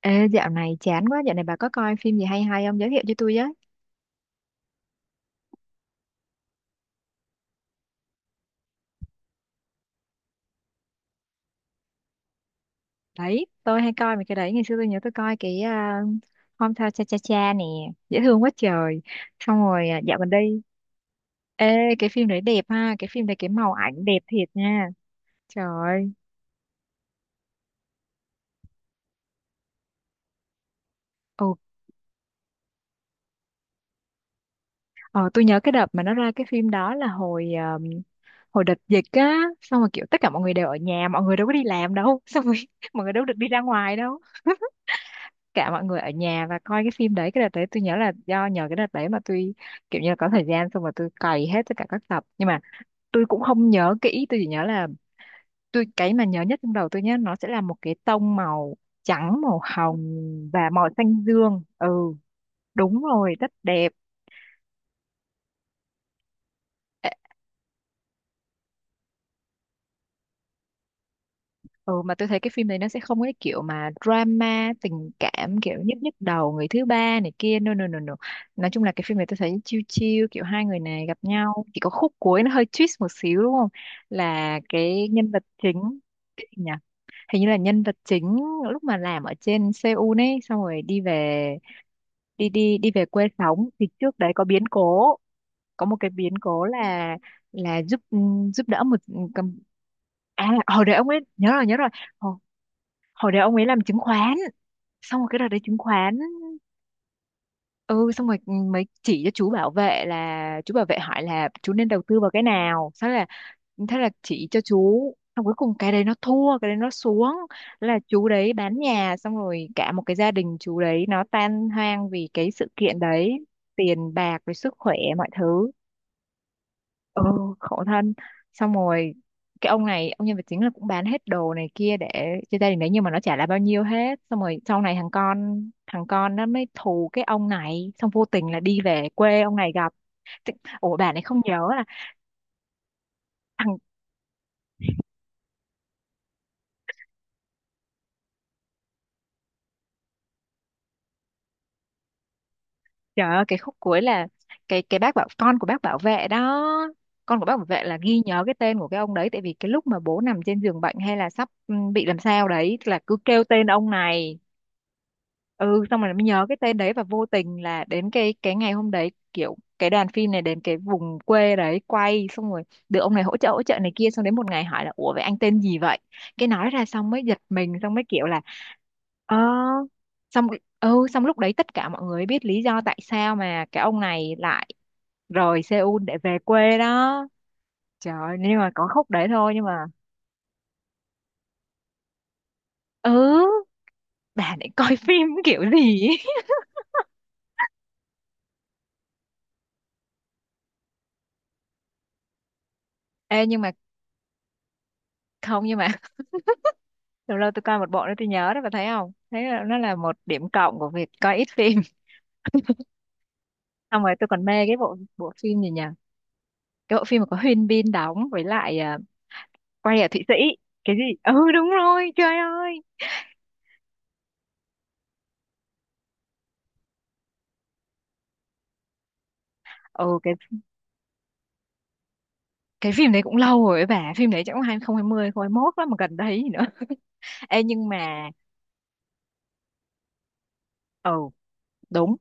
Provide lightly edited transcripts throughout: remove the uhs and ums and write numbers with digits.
Ê, dạo này chán quá, dạo này bà có coi phim gì hay hay không? Giới thiệu cho tôi với. Đấy, tôi hay coi mấy cái đấy, ngày xưa tôi nhớ tôi coi cái Hometown Cha Cha Cha nè, dễ thương quá trời. Xong rồi à, dạo gần đây, ê, cái phim đấy đẹp ha, cái phim đấy cái màu ảnh đẹp thiệt nha. Trời ơi, ồ, ờ, tôi nhớ cái đợt mà nó ra cái phim đó là hồi um, hồi đợt dịch á, xong rồi kiểu tất cả mọi người đều ở nhà, mọi người đâu có đi làm đâu, xong rồi mọi người đâu được đi ra ngoài đâu. Cả mọi người ở nhà và coi cái phim đấy. Cái đợt đấy tôi nhớ là do nhờ cái đợt đấy mà tôi kiểu như là có thời gian, xong rồi tôi cày hết tất cả các tập, nhưng mà tôi cũng không nhớ kỹ. Tôi chỉ nhớ là tôi cái mà nhớ nhất trong đầu tôi nhé, nó sẽ là một cái tông màu trắng, màu hồng và màu xanh dương. Ừ, đúng rồi, rất đẹp. Ừ, mà tôi thấy cái phim này nó sẽ không có cái kiểu mà drama tình cảm kiểu nhức nhức đầu người thứ ba này kia, no no no no, nói chung là cái phim này tôi thấy chill chill, kiểu hai người này gặp nhau, chỉ có khúc cuối nó hơi twist một xíu đúng không, là cái nhân vật chính. Cái gì nhỉ, hình như là nhân vật chính lúc mà làm ở trên Seoul ấy, xong rồi đi về, đi đi đi về quê sống thì trước đấy có biến cố. Có một cái biến cố là, là giúp đỡ một cầm, à hồi đấy ông ấy, nhớ rồi nhớ rồi, hồi, hồi đấy ông ấy làm chứng khoán, xong rồi cái đợt đấy chứng khoán, ừ xong rồi, mới chỉ cho chú bảo vệ, là chú bảo vệ hỏi là chú nên đầu tư vào cái nào sao, là thế là chỉ cho chú, xong cuối cùng cái đấy nó thua, cái đấy nó xuống, là chú đấy bán nhà, xong rồi cả một cái gia đình chú đấy nó tan hoang vì cái sự kiện đấy, tiền bạc rồi sức khỏe mọi thứ. Ừ, khổ thân, xong rồi cái ông này, ông nhân vật chính là cũng bán hết đồ này kia để cho gia đình đấy, nhưng mà nó chả là bao nhiêu hết, xong rồi sau này thằng con nó mới thù cái ông này, xong vô tình là đi về quê ông này gặp. Thế- ủa bà này không nhớ là thằng. Trời ơi, cái khúc cuối là, cái bác bảo con của bác bảo vệ đó, con của bác bảo vệ là ghi nhớ cái tên của cái ông đấy, tại vì cái lúc mà bố nằm trên giường bệnh hay là sắp bị làm sao đấy là cứ kêu tên ông này. Ừ, xong rồi mới nhớ cái tên đấy, và vô tình là đến cái ngày hôm đấy, kiểu cái đoàn phim này đến cái vùng quê đấy quay, xong rồi được ông này hỗ trợ này kia, xong đến một ngày hỏi là ủa vậy anh tên gì vậy, cái nói ra xong mới giật mình, xong mới kiểu là ờ xong ừ, xong lúc đấy tất cả mọi người biết lý do tại sao mà cái ông này lại rời Seoul để về quê đó. Trời ơi, nhưng mà có khúc đấy thôi nhưng mà, ừ, bà này coi phim kiểu gì ấy. Ê nhưng mà, không, nhưng mà lâu lâu tôi coi một bộ đó tôi nhớ đó, bà thấy không, thấy là nó là một điểm cộng của việc coi ít phim. Xong rồi tôi còn mê cái bộ bộ phim gì nhỉ, cái bộ phim mà có Huyên Bin đóng với lại, à, quay ở Thụy Sĩ, cái gì, ừ đúng rồi, trời ơi. Ừ, cái phim đấy cũng lâu rồi ấy bà, phim đấy chắc cũng 2020 mốt lắm mà, gần đấy gì nữa. Ê nhưng mà, ừ đúng.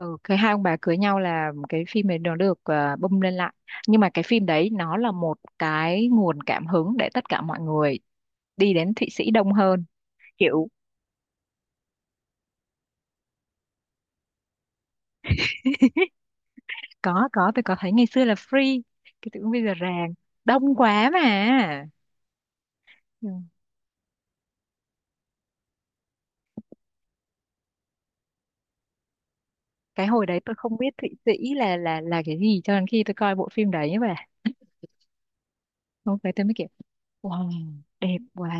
Ừ cái hai ông bà cưới nhau là cái phim này nó được, à, bung lên lại, nhưng mà cái phim đấy nó là một cái nguồn cảm hứng để tất cả mọi người đi đến Thụy Sĩ đông hơn, kiểu. Có, tôi có thấy ngày xưa là free, cái tự bây giờ ràng, đông quá mà. Ừ. Cái hồi đấy tôi không biết Thụy Sĩ là cái gì cho đến khi tôi coi bộ phim đấy, và hôm đấy tôi mới kiểu wow, đẹp quá.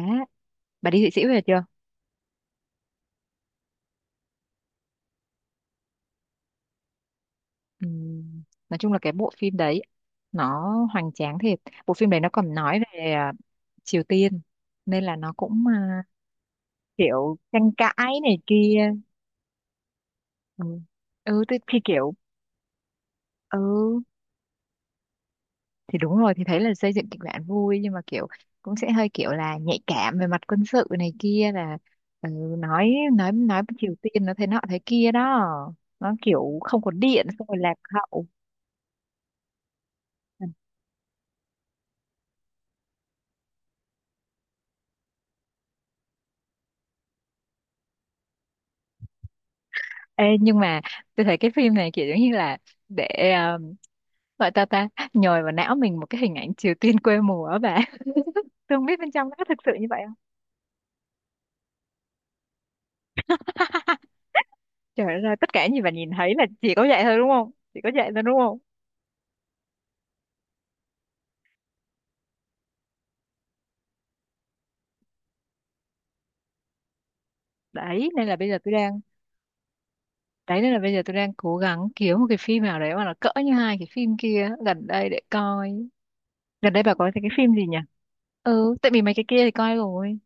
Bà đi Thụy Sĩ về chưa? Ừ. Nói chung là cái bộ phim đấy nó hoành tráng thiệt. Bộ phim đấy nó còn nói về, à, Triều Tiên, nên là nó cũng, à, kiểu tranh cãi này kia. Ừ, ừ tôi thì kiểu, ừ thì đúng rồi, thì thấy là xây dựng kịch bản vui nhưng mà kiểu cũng sẽ hơi kiểu là nhạy cảm về mặt quân sự này kia, là ừ, nói với Triều Tiên nó thế nọ thế kia đó, nó kiểu không có điện xong rồi lạc hậu. Ê, nhưng mà tôi thấy cái phim này kiểu giống như là, để ờ, gọi ta ta nhồi vào não mình một cái hình ảnh Triều Tiên quê mùa á bà. Tôi không biết bên trong nó có thực sự như vậy không. Trời đất ơi, tất cả những gì bà nhìn thấy là chỉ có vậy thôi đúng không, chỉ có vậy thôi đúng không? Đấy nên là bây giờ tôi đang, đấy nên là bây giờ tôi đang cố gắng kiếm một cái phim nào đấy mà nó cỡ như hai cái phim kia gần đây để coi. Gần đây bà có thấy cái phim gì nhỉ? Ừ tại vì mấy cái kia thì coi rồi.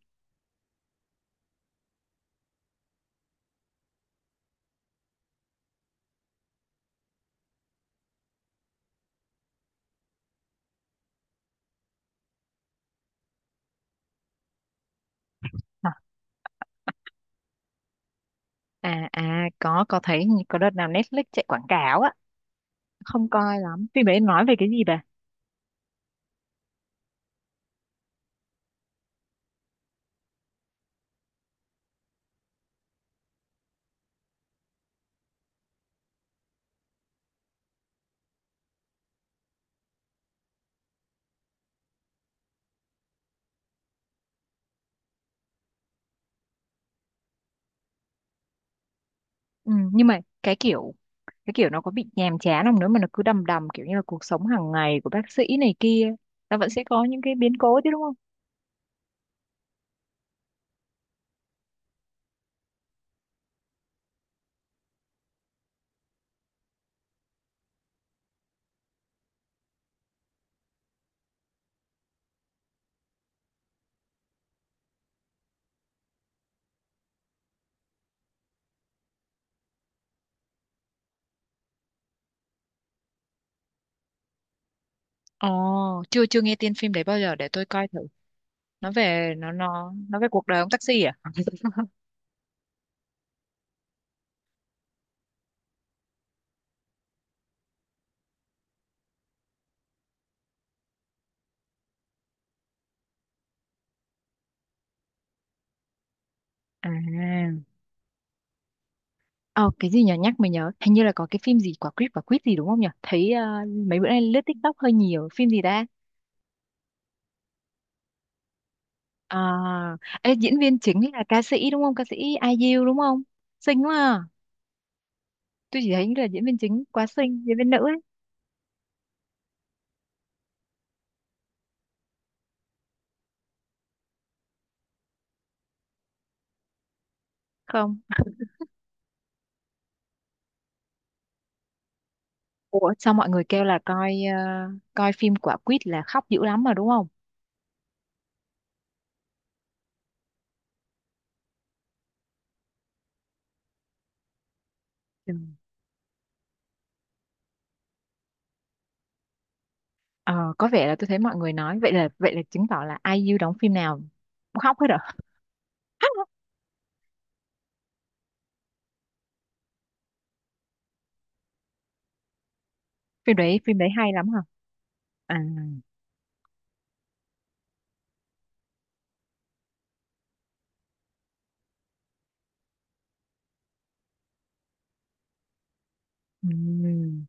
À, à, có thấy hình như có đợt nào Netflix chạy quảng cáo á. Không coi lắm, phim đấy nói về cái gì bà? Ừ, nhưng mà cái kiểu, cái kiểu nó có bị nhàm chán không nữa mà nó cứ đầm đầm kiểu như là cuộc sống hàng ngày của bác sĩ này kia, nó vẫn sẽ có những cái biến cố chứ đúng không? Ồ, chưa, chưa nghe tên phim đấy bao giờ, để tôi coi thử. Nó về, nó về cuộc đời ông taxi à? À, ờ, cái gì nhở, nhắc mình nhớ hình như là có cái phim gì quả quýt gì đúng không nhở, thấy ờ, mấy bữa nay lướt TikTok hơi nhiều, phim gì ta. À, ê, diễn viên chính là ca sĩ đúng không, ca sĩ ai IU đúng không, xinh quá à. Tôi chỉ thấy là diễn viên chính quá xinh, diễn viên nữ ấy. Không, ủa sao mọi người kêu là coi ờ, coi phim quả quýt là khóc dữ lắm mà đúng không? Ừ. Ờ, có vẻ là tôi thấy mọi người nói vậy, là vậy là chứng tỏ là ai IU đóng phim nào cũng khóc hết à. Phim đấy, phim đấy hay lắm hả? À. Ừm,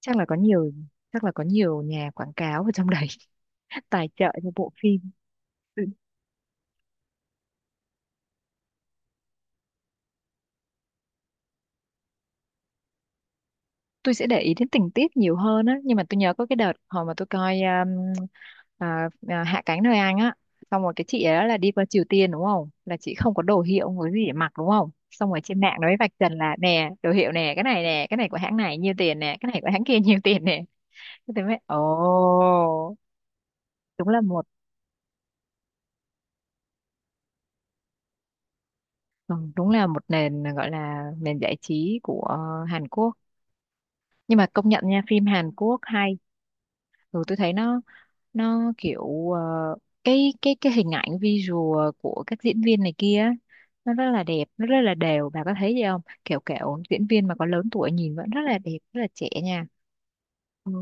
chắc là có nhiều, chắc là có nhiều nhà quảng cáo ở trong đấy, tài trợ cho bộ phim. Ừ, tôi sẽ để ý đến tình tiết nhiều hơn á, nhưng mà tôi nhớ có cái đợt hồi mà tôi coi à, à, Hạ cánh nơi Anh á, xong rồi cái chị ấy là đi qua Triều Tiên đúng không, là chị không có đồ hiệu không có gì để mặc đúng không, xong rồi trên mạng nó mới vạch trần là nè đồ hiệu nè, cái này nè, cái này của hãng này nhiêu tiền nè, cái này của hãng kia nhiêu tiền nè, thế tôi mới ồ. Đúng là một, ừ, đúng là một nền, gọi là nền giải trí của Hàn Quốc, nhưng mà công nhận nha, phim Hàn Quốc hay. Rồi tôi thấy nó kiểu ờ, cái cái hình ảnh visual của các diễn viên này kia á, nó rất là đẹp, nó rất là đều, bà có thấy gì không, kiểu kiểu diễn viên mà có lớn tuổi nhìn vẫn rất là đẹp rất là trẻ nha. Ừ,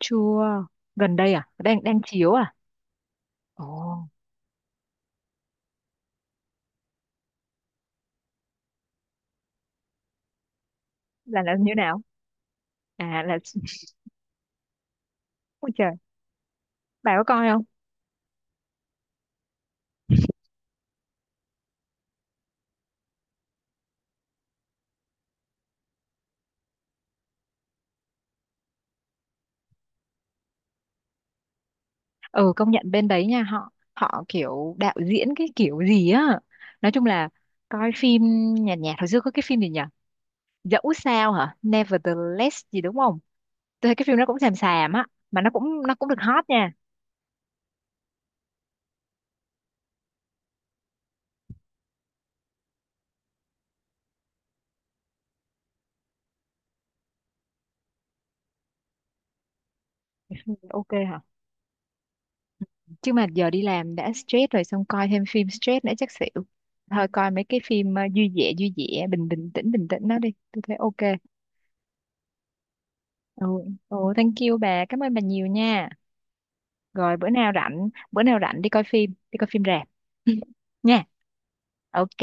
chưa. Gần đây à, đang đang chiếu à? Ồ. Là như nào? À là. Ôi trời, bà có coi không? Ừ, công nhận bên đấy nha, họ họ kiểu đạo diễn cái kiểu gì á, nói chung là coi phim nhạt nhạt. Hồi xưa có cái phim gì nhỉ, dẫu sao hả, Nevertheless gì đúng không, tôi thấy cái phim nó cũng xàm xàm á, mà nó cũng, nó cũng được hot nha. OK hả? Chứ mà giờ đi làm đã stress rồi, xong coi thêm phim stress nữa chắc xỉu. Thôi coi mấy cái phim ờ, vui vẻ vui vẻ, bình bình tĩnh đó đi, tôi thấy OK. Ừ. Ồ, thank you bà, cảm ơn bà nhiều nha. Rồi bữa nào rảnh, bữa nào rảnh đi coi phim, đi coi phim rạp. Nha. OK.